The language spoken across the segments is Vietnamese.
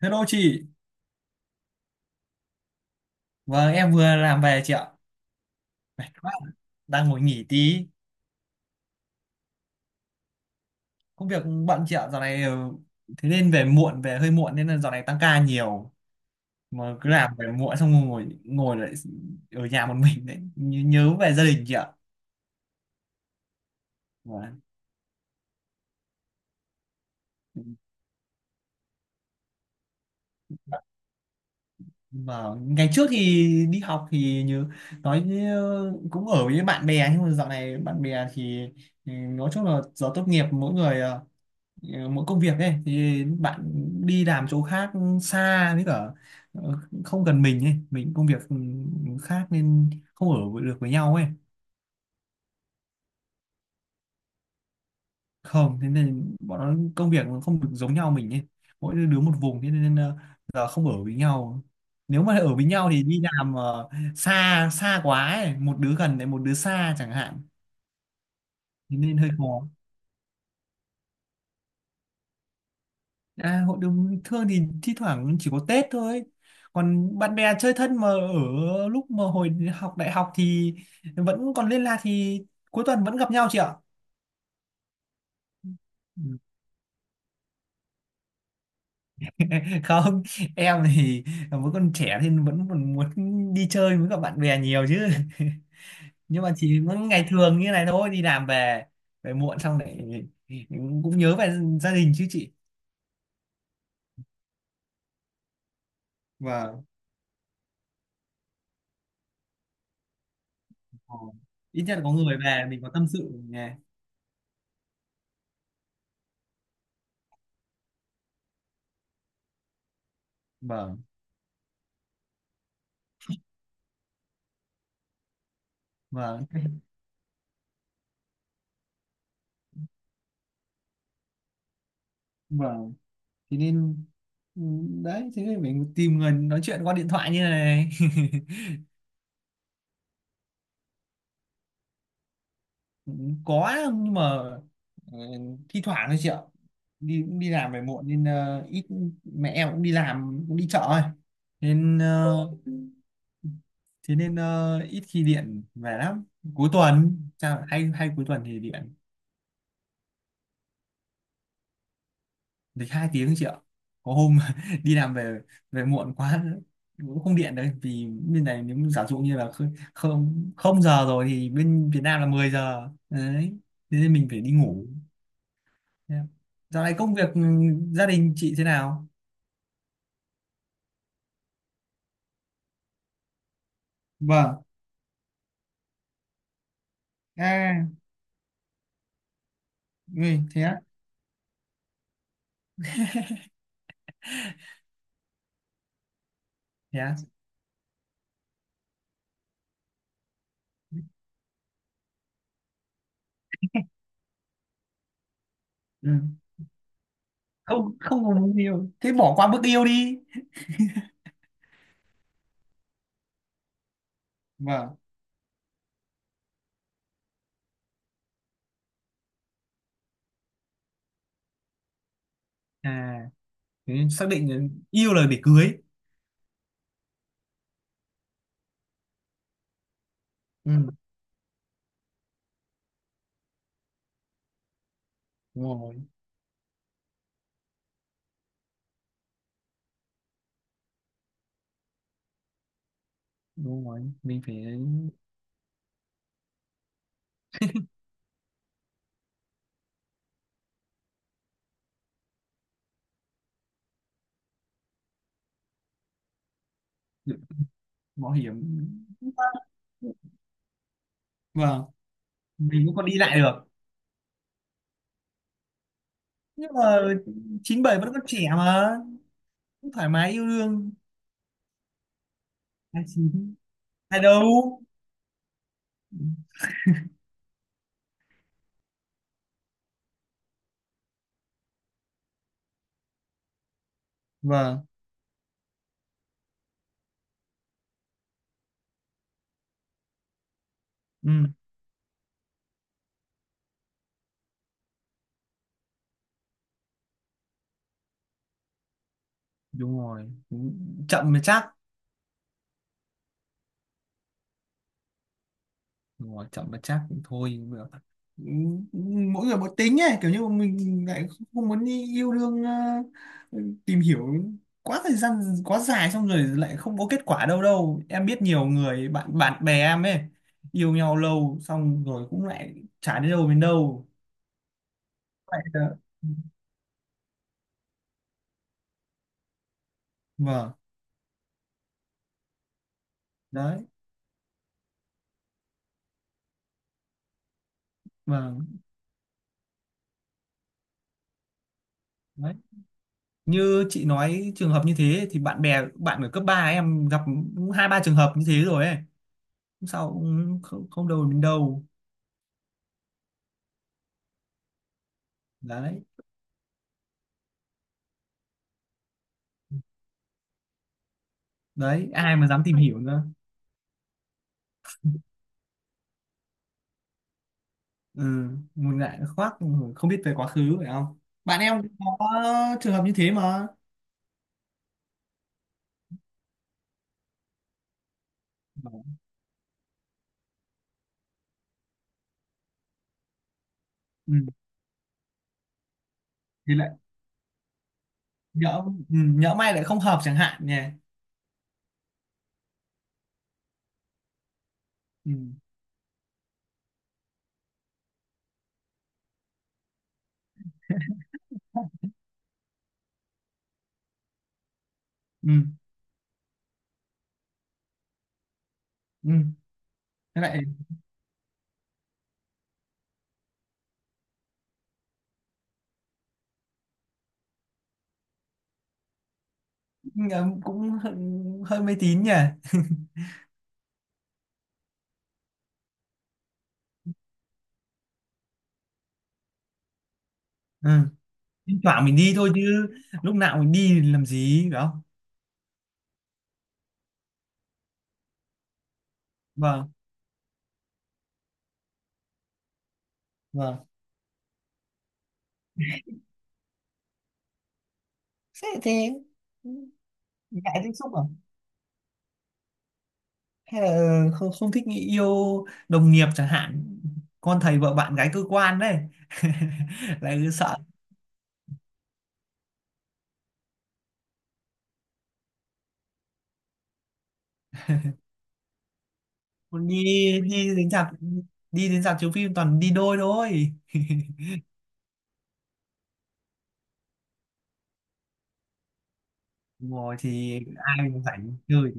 Hello chị, vâng em vừa làm về chị ạ. Mệt quá, đang ngồi nghỉ tí. Công việc bận chị ạ, dạo này thế nên về muộn, về hơi muộn nên là dạo này tăng ca nhiều. Mà cứ làm về muộn xong ngồi ngồi lại ở nhà một mình đấy, nhớ về gia đình chị ạ. Vâng. Mà ngày trước thì đi học thì như nói như cũng ở với bạn bè nhưng mà dạo này thì nói chung là giờ tốt nghiệp mỗi người mỗi công việc ấy thì bạn đi làm chỗ khác xa với cả ờ, không gần mình ấy mình công việc khác nên không ở được với nhau ấy không thế nên bọn nó công việc nó không được giống nhau mình ấy mỗi đứa một vùng thế nên giờ không ở với nhau nếu mà ở với nhau thì đi làm xa xa quá ấy một đứa gần lại một đứa xa chẳng hạn thế nên hơi khó. À, hội đồng bình thường thì thi thoảng chỉ có Tết thôi. Còn bạn bè chơi thân mà ở lúc mà hồi học đại học thì vẫn còn liên lạc thì cuối tuần vẫn gặp nhau chị ạ. Không, em thì vẫn còn trẻ thì vẫn còn muốn đi chơi với các bạn bè nhiều chứ. Nhưng mà chỉ mỗi ngày thường như này thôi, đi làm về về muộn xong lại cũng nhớ về gia đình chứ chị. Vâng. Ờ. Ít nhất là có người về mình có tâm sự nghe. Vâng, vâng. Vâng. Thế nên ừ, đấy thế nên mình tìm người nói chuyện qua điện thoại như này. Có nhưng mà ờ, thi thoảng thôi chị ạ đi đi làm về muộn nên ít, mẹ em cũng đi làm cũng đi chợ thôi nên thế nên ít khi điện về lắm, cuối tuần sao hay hay cuối tuần thì điện. Lịch hai tiếng chị ạ. Có hôm đi làm về về muộn quá cũng không điện đấy vì bên này nếu giả dụ như là không không không giờ rồi thì bên Việt Nam là 10 giờ đấy thế nên mình phải đi ngủ. Thế dạo này công việc gia đình chị thế nào? Vâng. À, người thế á. Thế ạ? Ừ. Không, không có mối yêu thế bỏ qua bước yêu đi. Vâng. À, thế nên xác định là yêu là để cưới. Ừ. Đúng rồi, đúng rồi mình phải mạo hiểm, vâng, mình cũng còn đi lại được, nhưng mà chín bảy vẫn còn trẻ mà, cũng thoải mái yêu đương. Hai chín? Hai đâu? Vâng, ừ, đúng rồi. Cũng chậm mà chắc. Đúng rồi, chậm mà chắc cũng thôi cũng được. Ừ, mỗi người một tính ấy kiểu như mình lại không muốn đi yêu đương tìm hiểu quá thời gian quá dài xong rồi lại không có kết quả, đâu đâu em biết nhiều người bạn bạn bè em ấy yêu nhau lâu xong rồi cũng lại chả đến đâu. Vậy là- vâng. Đấy. Vâng. Đấy như chị nói trường hợp như thế thì bạn bè bạn ở cấp 3 em gặp cũng hai ba trường hợp như thế rồi ấy. Không sao cũng không, không đâu đến đâu. Đấy. Đấy ai mà dám tìm hiểu nữa. Ừ, một ngại khoác, không biết về quá khứ phải không? Bạn em cũng có trường hợp như thế mà. Ừ, thì lại nhỡ, nhỡ may lại không hợp chẳng hạn nhỉ. Ừ, ừ, ừ. Thế lại cũng cũng hơi, hơi mê tín nhỉ. Ừ. Thỉnh thoảng mình đi thôi chứ, lúc nào mình đi thì làm gì phải không? Vâng. Vâng. Thế thế. Ngại tiếp xúc à, hay là không, không thích nghĩ yêu đồng nghiệp chẳng hạn, con thầy vợ bạn gái cơ quan đấy. Lại cứ sợ. Còn đi đi đến rạp, đi đến rạp chiếu phim toàn đi đôi thôi. Ngồi thì ai mà rảnh chơi.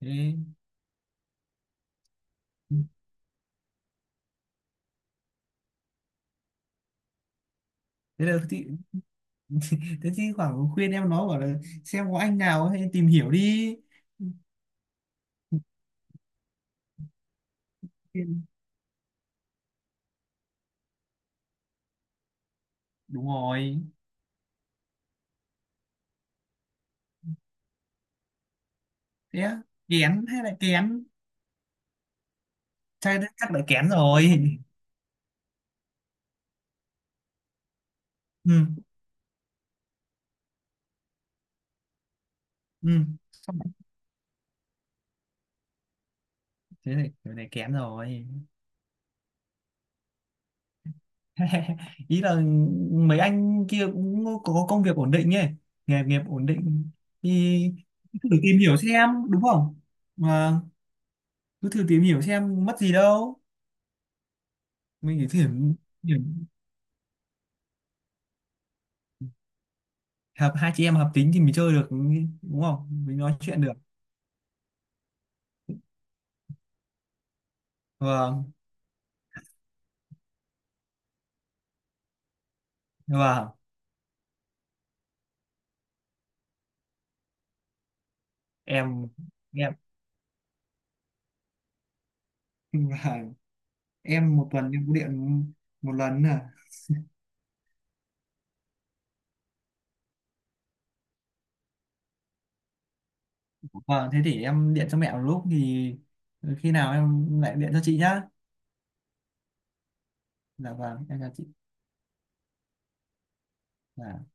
Thế. thế là thì, thế thì khoảng khuyên em nó bảo là xem có anh nào hay tìm hiểu đi. Đúng rồi. Thế á, kén hay là kén, chắc chắc là kén rồi. Ừ. Ừ. Xong rồi, thế này kén rồi. Ý là mấy anh kia cũng có công việc ổn định ấy, nghề nghiệp ổn định thì thử tìm hiểu xem đúng không, mà cứ thử tìm hiểu xem mất gì đâu, mình chỉ thử. Thử- hợp, hai chị em hợp tính thì mình chơi được đúng không, mình nói chuyện được. Vâng. Vâng. Em em vâng. Em một tuần em có điện một lần à? Vâng, thế thì em điện cho mẹ một lúc thì khi nào em lại điện cho chị nhá. Dạ vâng, em chào chị. Dạ.